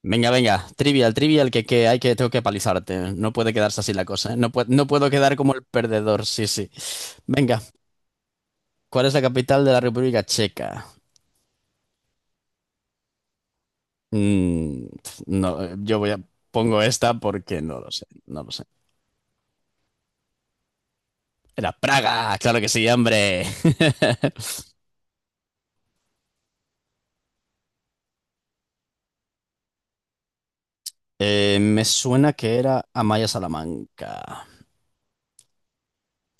Venga, venga, trivial, trivial, que hay que tengo que palizarte. No puede quedarse así la cosa, ¿eh? No, no puedo quedar como el perdedor, sí, sí. Venga, ¿cuál es la capital de la República Checa? Mm, no, yo voy a pongo esta porque no lo sé, no lo sé. Era Praga, claro que sí, hombre. Me suena que era Amaya Salamanca.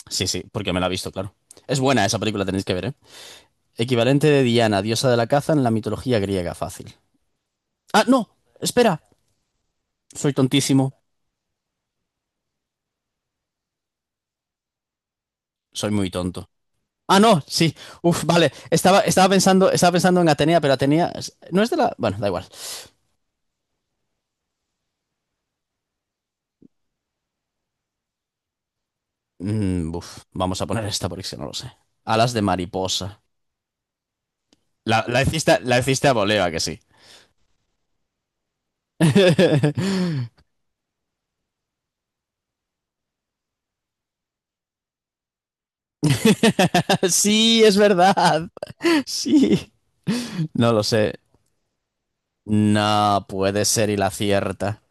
Sí, sí, porque me la he visto, claro. Es buena esa película, tenéis que ver, ¿eh? Equivalente de Diana, diosa de la caza en la mitología griega, fácil. Ah, no, espera. Soy tontísimo. Soy muy tonto. Ah, no, sí. Uf, vale. Estaba pensando en Atenea, pero Atenea no es de la. Bueno, da igual. Mm, uf, vamos a poner esta porque es que no lo sé. Alas de mariposa. La hiciste, la hiciste a voleo, ¿a que sí. Sí, es verdad. Sí. No lo sé. No puede ser y la cierta.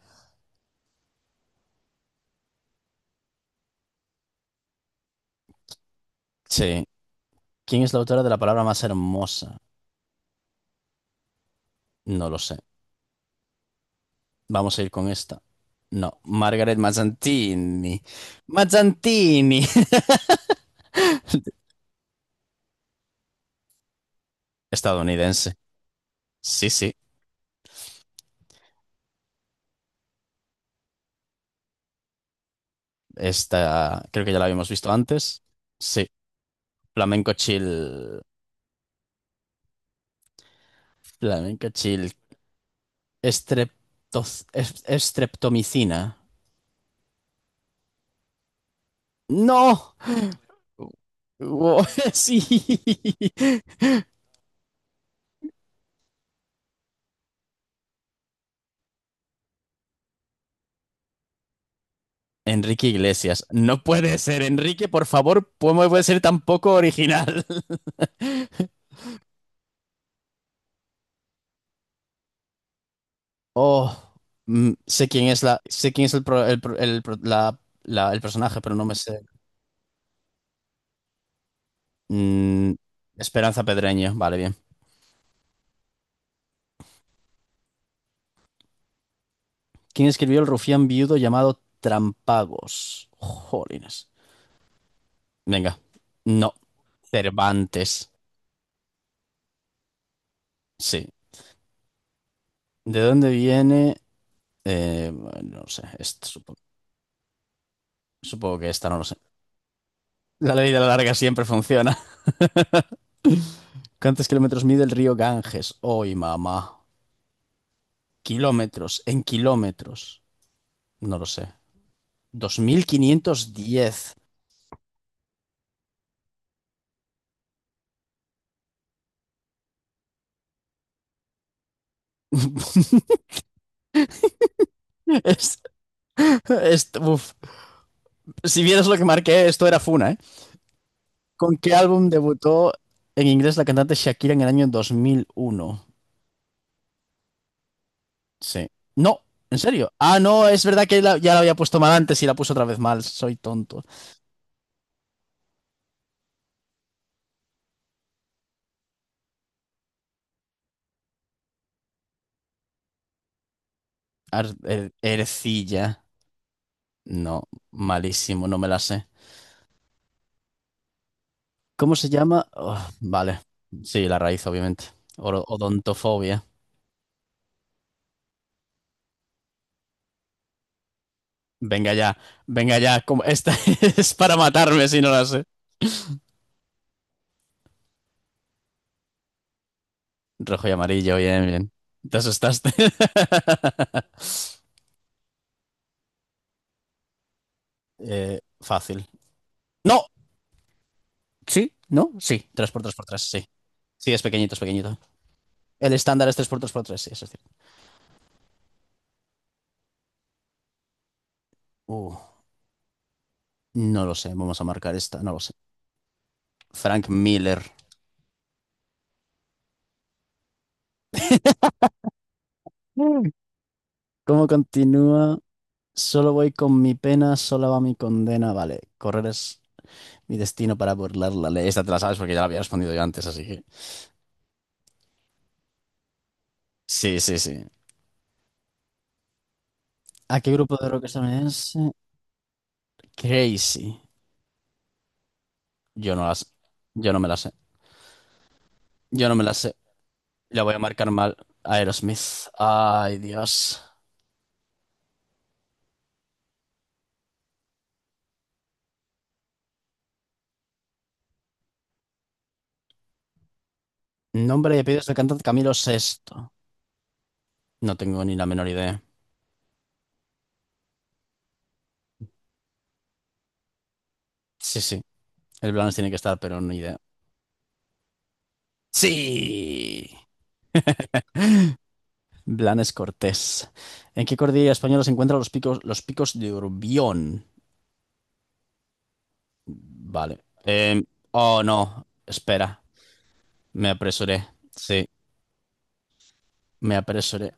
Sí. ¿Quién es la autora de la palabra más hermosa? No lo sé. Vamos a ir con esta. No, Margaret Mazzantini. Mazzantini. Estadounidense. Sí, sí. Esta creo que ya la habíamos visto antes. Sí. Flamenco chill. Flamenco chill. Estreptomicina. ¡No! Wo- Sí. Enrique Iglesias. No puede ser, Enrique, por favor, ¿cómo puede ser tan poco original? Oh, mm, sé quién es el, pro- el, pro- el pro- la- la- el personaje, pero no me sé. Mm, Esperanza Pedreño, vale, bien. ¿Quién escribió el rufián viudo llamado Trampagos? Jolines. Venga. No, Cervantes. Sí. ¿De dónde viene? Bueno, no sé, supongo que esta no lo sé. La ley de la larga siempre funciona. ¿Cuántos kilómetros mide el río Ganges? Hoy, mamá. Kilómetros, en kilómetros. No lo sé. 2510. Es- Uf. Si vieras lo que marqué, esto era Funa, ¿eh? ¿Con qué álbum debutó en inglés la cantante Shakira en el año 2001? Sí. No, en serio. Ah, no, es verdad que ya la había puesto mal antes y la puse otra vez mal. Soy tonto. Ercilla. No, malísimo, no me la sé. ¿Cómo se llama? Oh, vale. Sí, la raíz, obviamente. Odontofobia. Venga ya, venga ya. Esta es para matarme si no la sé. Rojo y amarillo, bien, bien. Te asustaste. Fácil. No, sí, no, sí. 3 por 3 por 3 sí. Sí, es pequeñito, es pequeñito. El estándar es 3 por 3 por 3 sí, eso es cierto. Uh, no lo sé, vamos a marcar esta, no lo sé. Frank Miller. Mm. ¿Cómo continúa? Solo voy con mi pena, sola va mi condena. Vale, correr es mi destino para burlar la ley. Esta te la sabes porque ya la había respondido yo antes, así que. Sí, sí, sí. ¿A qué grupo de rock estadounidense? Crazy. Yo no las, yo no me las sé. Yo no me las sé. La voy a marcar mal. Aerosmith. Ay, Dios. Nombre y apellidos del cantante Camilo Sesto. No tengo ni la menor idea. Sí, sí. El Blanes tiene que estar, pero ni idea. ¡Sí! Blanes Cortés. ¿En qué cordillera española se encuentran los picos de Urbión? Vale. Oh, no. Espera. Me apresuré. Sí, me apresuré.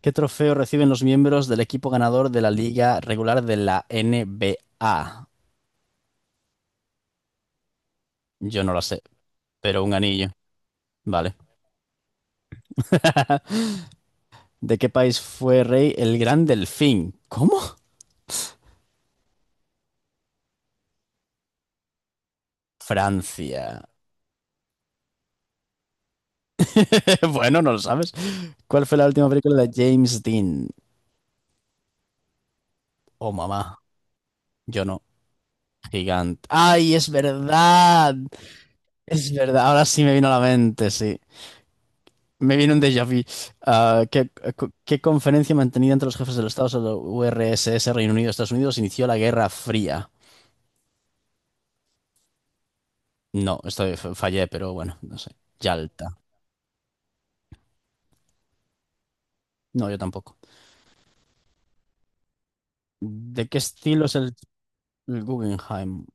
¿Qué trofeo reciben los miembros del equipo ganador de la liga regular de la NBA? Yo no lo sé, pero un anillo. Vale. ¿De qué país fue rey el Gran Delfín? ¿Cómo? Francia. Bueno, no lo sabes. ¿Cuál fue la última película de James Dean? Oh, mamá. Yo no. Gigante. ¡Ay, es verdad! Es verdad. Ahora sí me vino a la mente, sí. Me viene un déjà vu. Ah, ¿qué conferencia mantenida entre los jefes de los Estados de la URSS, Reino Unido, Estados Unidos, inició la Guerra Fría? No, esto fallé, pero bueno, no sé. Yalta. No, yo tampoco. ¿De qué estilo es el Guggenheim?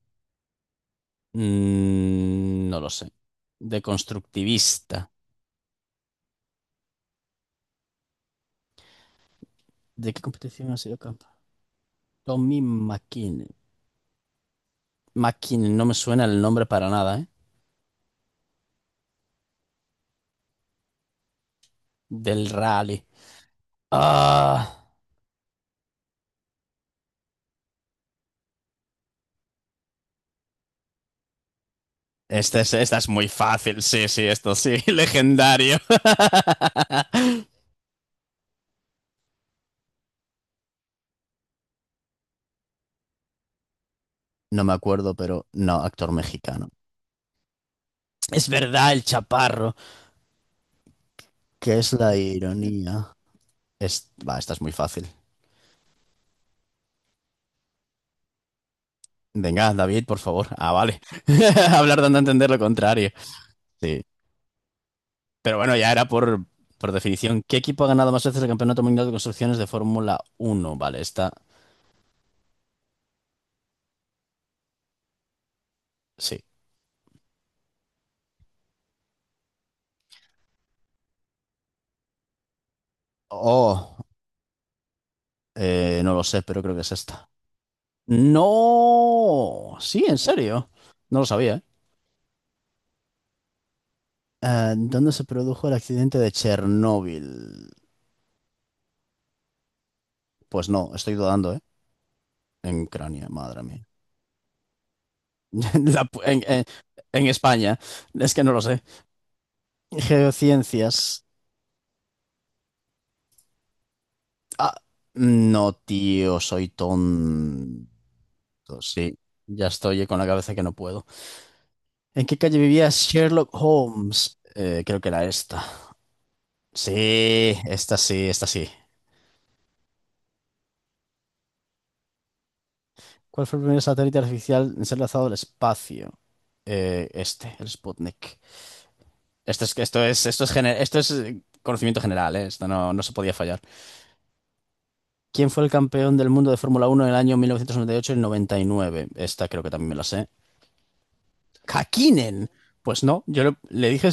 Mm, no lo sé. De constructivista. ¿De qué competición ha sido campeón? Tommy McKinnon. McKinnon, no me suena el nombre para nada, ¿eh? Del rally. Ah. Esta es muy fácil, sí, sí, esto sí, legendario. No me acuerdo, pero no, actor mexicano. Es verdad, el chaparro, que es la ironía. Es, va, esta es muy fácil. Venga, David, por favor. Ah, vale. Hablar dando a entender lo contrario. Sí. Pero bueno, ya era por definición. ¿Qué equipo ha ganado más veces el Campeonato Mundial de Construcciones de Fórmula uno? Vale, esta, sí. Oh, no lo sé, pero creo que es esta. No, sí, en serio. No lo sabía, ¿eh? Ah, ¿dónde se produjo el accidente de Chernóbil? Pues no, estoy dudando, ¿eh? En Ucrania, madre mía. La pu- en, en- en España, es que no lo sé. Geociencias. Ah, no, tío, soy tonto. Sí, ya estoy con la cabeza que no puedo. ¿En qué calle vivía Sherlock Holmes? Creo que era esta. Sí, esta sí, esta sí. ¿Cuál fue el primer satélite artificial en ser lanzado al espacio? Este, el Sputnik. Esto es, esto es conocimiento general, ¿eh? Esto no, no se podía fallar. ¿Quién fue el campeón del mundo de Fórmula Uno en el año 1998 y 99? Esta creo que también me la sé. ¡Hakkinen! Pues no, le dije,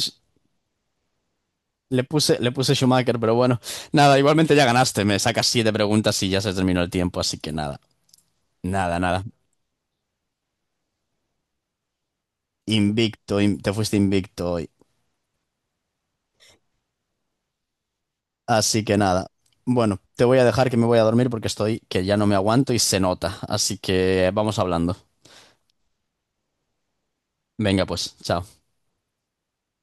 le puse Schumacher, pero bueno. Nada, igualmente ya ganaste. Me sacas 7 preguntas y ya se terminó el tiempo, así que nada. Nada, nada. Te fuiste invicto hoy. Así que nada. Bueno, te voy a dejar que me voy a dormir porque estoy que ya no me aguanto y se nota. Así que vamos hablando. Venga, pues, chao.